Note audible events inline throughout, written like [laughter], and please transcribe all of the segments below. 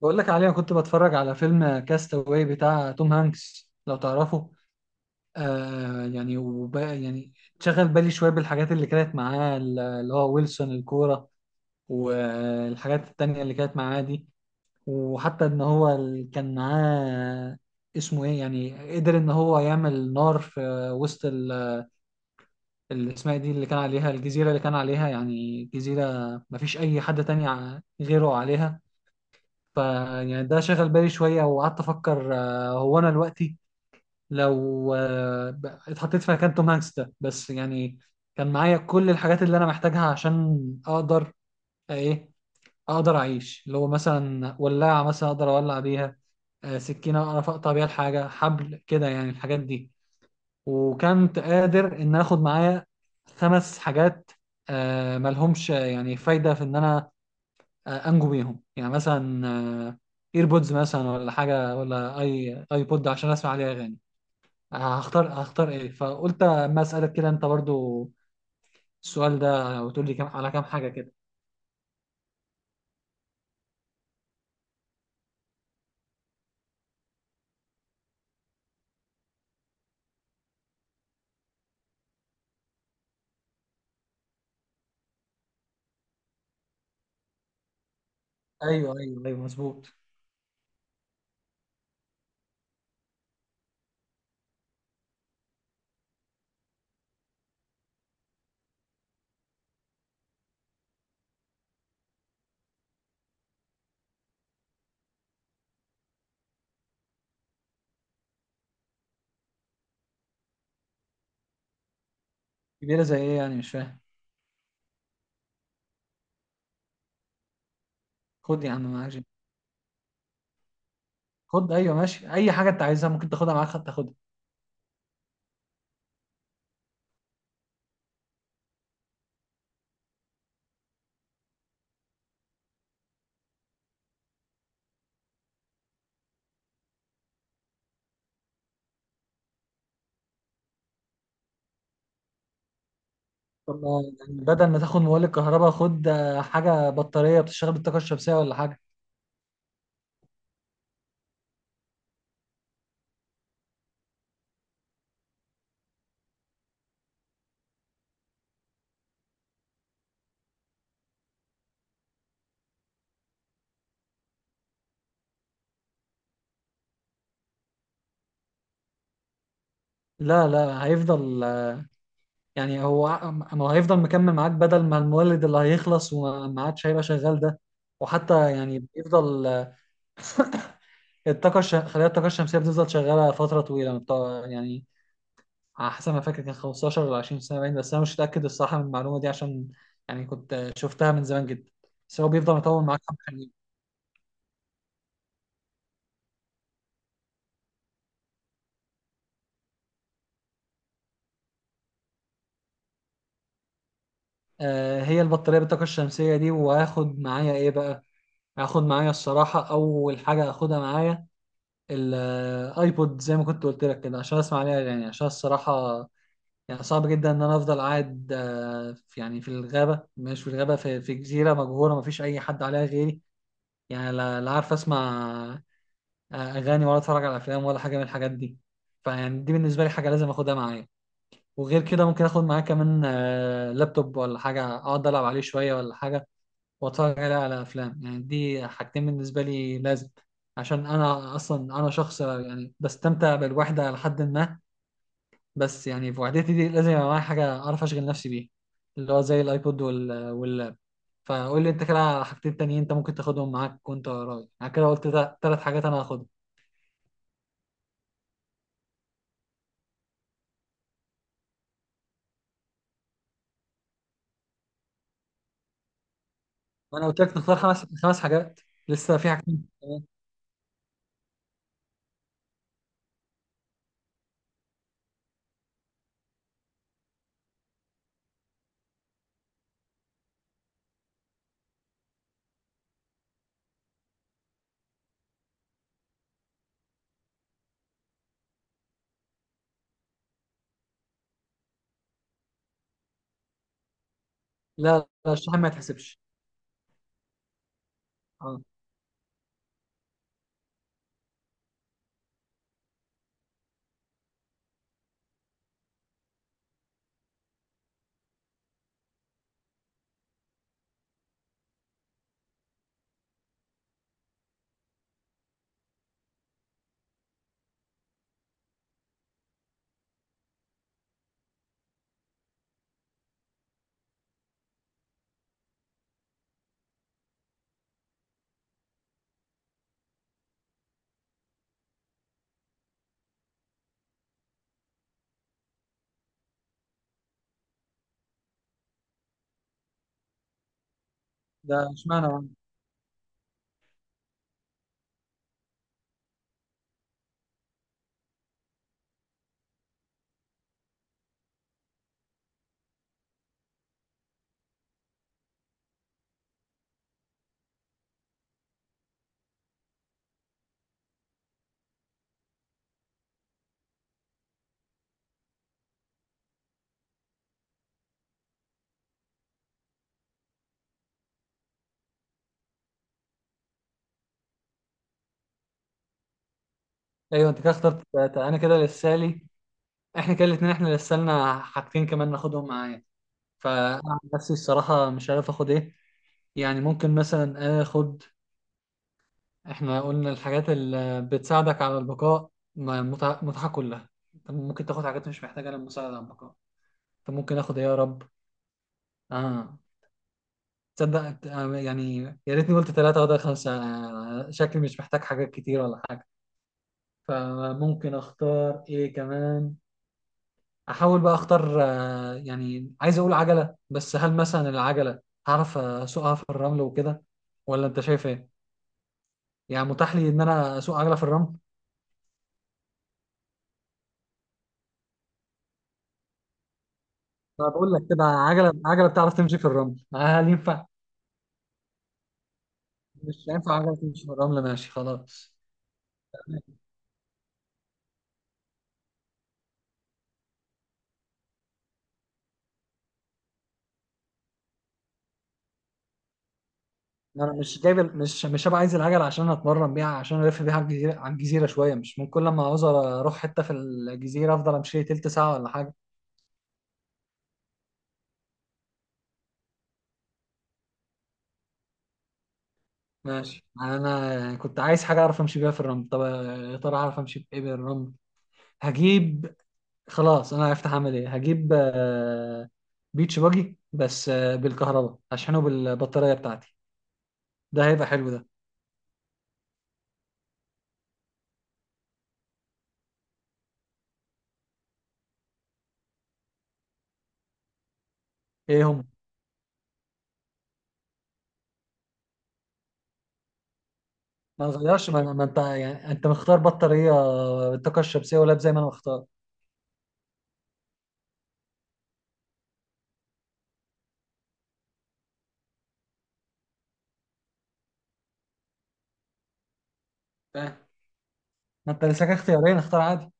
بقول لك عليه انا كنت بتفرج على فيلم كاستاوي بتاع توم هانكس لو تعرفه. يعني شغل بالي شويه بالحاجات اللي كانت معاه اللي هو ويلسون الكوره والحاجات التانية اللي كانت معاه دي. وحتى ان هو كان معاه اسمه ايه يعني قدر ان هو يعمل نار في وسط اللي اسمها إيه دي اللي كان عليها الجزيره اللي كان عليها يعني جزيره مفيش اي حد تاني غيره عليها. فيعني ده شغل بالي شوية وقعدت أفكر، هو أنا دلوقتي لو اتحطيت في مكان توم هانكس ده بس يعني كان معايا كل الحاجات اللي أنا محتاجها عشان أقدر آه، إيه أقدر أعيش، اللي هو مثلا ولاعة مثلا أقدر أولع بيها، سكينة أعرف أقطع بيها الحاجة حبل كده يعني الحاجات دي. وكنت قادر إن آخد معايا خمس حاجات ملهمش يعني فايدة في إن أنا انجو بيهم، يعني مثلا ايربودز مثلا ولا حاجه ولا اي اي بود عشان اسمع عليها اغاني. هختار ايه، فقلت اما اسالك كده انت برضو السؤال ده وتقول لي كم على كام حاجه كده. ايوه ايوه ايوه، مظبوط. كبيره زي ايه يعني؟ مش فاهم. خد يا عم معاك جيم. خد، ايوه ماشي، اي حاجه انت عايزها ممكن تاخدها معاك، تاخدها. طب ما يعني بدل ما تاخد مولد كهرباء خد حاجه بطاريه بتشتغل بالطاقه الشمسيه ولا حاجه. لا لا، هيفضل يعني، هو ما هو هيفضل مكمل معاك بدل ما المولد اللي هيخلص وما عادش هيبقى شغال ده. وحتى يعني بيفضل خلايا الطاقة الشمسية بتفضل شغالة فترة طويلة يعني على حسب ما فاكر كان 15 ولا 20 سنة باين، بس أنا مش متأكد الصراحة من المعلومة دي عشان يعني كنت شفتها من زمان جدا. بس هو بيفضل مطول معاك حبة حلوين. هي البطارية بالطاقة الشمسية دي، وهاخد معايا إيه بقى؟ هاخد معايا الصراحة أول حاجة هاخدها معايا الايبود، زي ما كنت قلت لك كده عشان اسمع عليها. يعني عشان الصراحة يعني صعب جدا ان انا افضل قاعد يعني في الغابه، مش في الغابه، في جزيره مجهوله ما فيش اي حد عليها غيري، يعني لا عارف اسمع اغاني ولا اتفرج على افلام ولا حاجه من الحاجات دي. فيعني دي بالنسبه لي حاجه لازم اخدها معايا. وغير كده ممكن اخد معايا كمان لابتوب ولا حاجه اقعد العب عليه شويه ولا حاجه واتفرج عليه على افلام، يعني دي حاجتين بالنسبه لي لازم، عشان انا اصلا انا شخص يعني بستمتع بالوحده لحد ما، بس يعني في وحدتي دي لازم يبقى معايا حاجة أعرف أشغل نفسي بيها، اللي هو زي الأيبود واللاب. فقول لي أنت كده على حاجتين تانيين أنت ممكن تاخدهم معاك وأنت رايح، أنا كده قلت ثلاث حاجات أنا هاخدهم. وأنا قلت لك نختار خمس حاجات. لسه في حاجتين كمان. لا لا، الشحن ما يتحسبش. أه. ده اشمعنى يعني؟ أيوه أنت كده اخترت ثلاثة، أنا كده لسه لي. إحنا كده الاتنين إحنا لسه لنا حاجتين كمان ناخدهم معايا. فأنا عن نفسي الصراحة مش عارف آخد إيه، يعني ممكن مثلا آخد. احنا قلنا الحاجات اللي بتساعدك على البقاء متعة متعة كلها. انت ممكن تاخد حاجات مش محتاجة للمساعدة على البقاء. انت ممكن اخد ايه يا رب. اه، تصدق يعني يا ريتني قلت ثلاثة وده خمسة. شكلي مش محتاج حاجات كتير ولا حاجة. فممكن اختار ايه كمان؟ احاول بقى اختار يعني، عايز اقول عجلة، بس هل مثلا العجلة هعرف اسوقها في الرمل وكده ولا انت شايف ايه؟ يعني متاح لي ان انا اسوق عجلة في الرمل؟ انا بقول لك كده عجله بتعرف تمشي في الرمل هل ينفع؟ مش هينفع عجله تمشي في الرمل، ماشي خلاص. انا مش جايب مش هبقى عايز العجله عشان اتمرن بيها، عشان الف بيها على الجزيره شويه، مش من كل لما عاوز اروح حته في الجزيره افضل امشي لي تلت ساعه ولا حاجه. ماشي، انا كنت عايز حاجه اعرف امشي بيها في الرمل. طب يا ترى هعرف امشي بايه بالرمل؟ هجيب. خلاص انا عرفت هعمل ايه، هجيب بيتش باجي، بس بالكهرباء هشحنه بالبطاريه بتاعتي. ده هيبقى حلو ده. ايه هم؟ ما غيرش، ما انت يعني انت مختار بطاريه بالطاقه الشمسيه ولاب زي ما انا مختار. فاهم. ما انت لسه اختيارين، اختار عادي.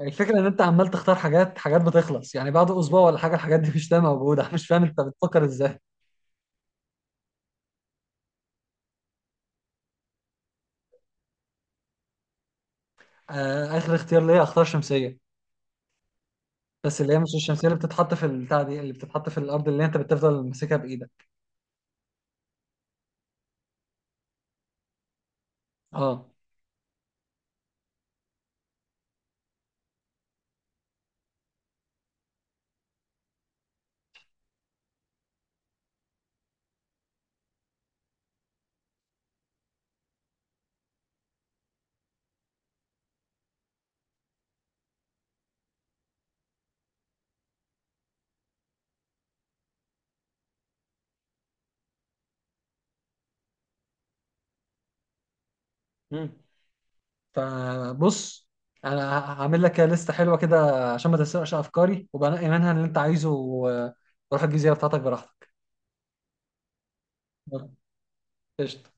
الفكره ان انت عمال تختار حاجات، حاجات بتخلص يعني بعد اسبوع ولا حاجه الحاجات دي مش تبقى موجوده. [laughs] أنا مش فاهم انت بتفكر ازاي. آه، اخر اختيار ليا اختار شمسيه، بس اللي هي مش الشمسيه اللي بتتحط في البتاع دي، اللي بتتحط في الارض اللي انت بتفضل ماسكها بايدك. اه. مم. فبص، انا هعمل لك لسته حلوه كده عشان ما تسرقش افكاري، وبنقي منها اللي انت عايزه وروح الجزيره بتاعتك براحتك. قشطة.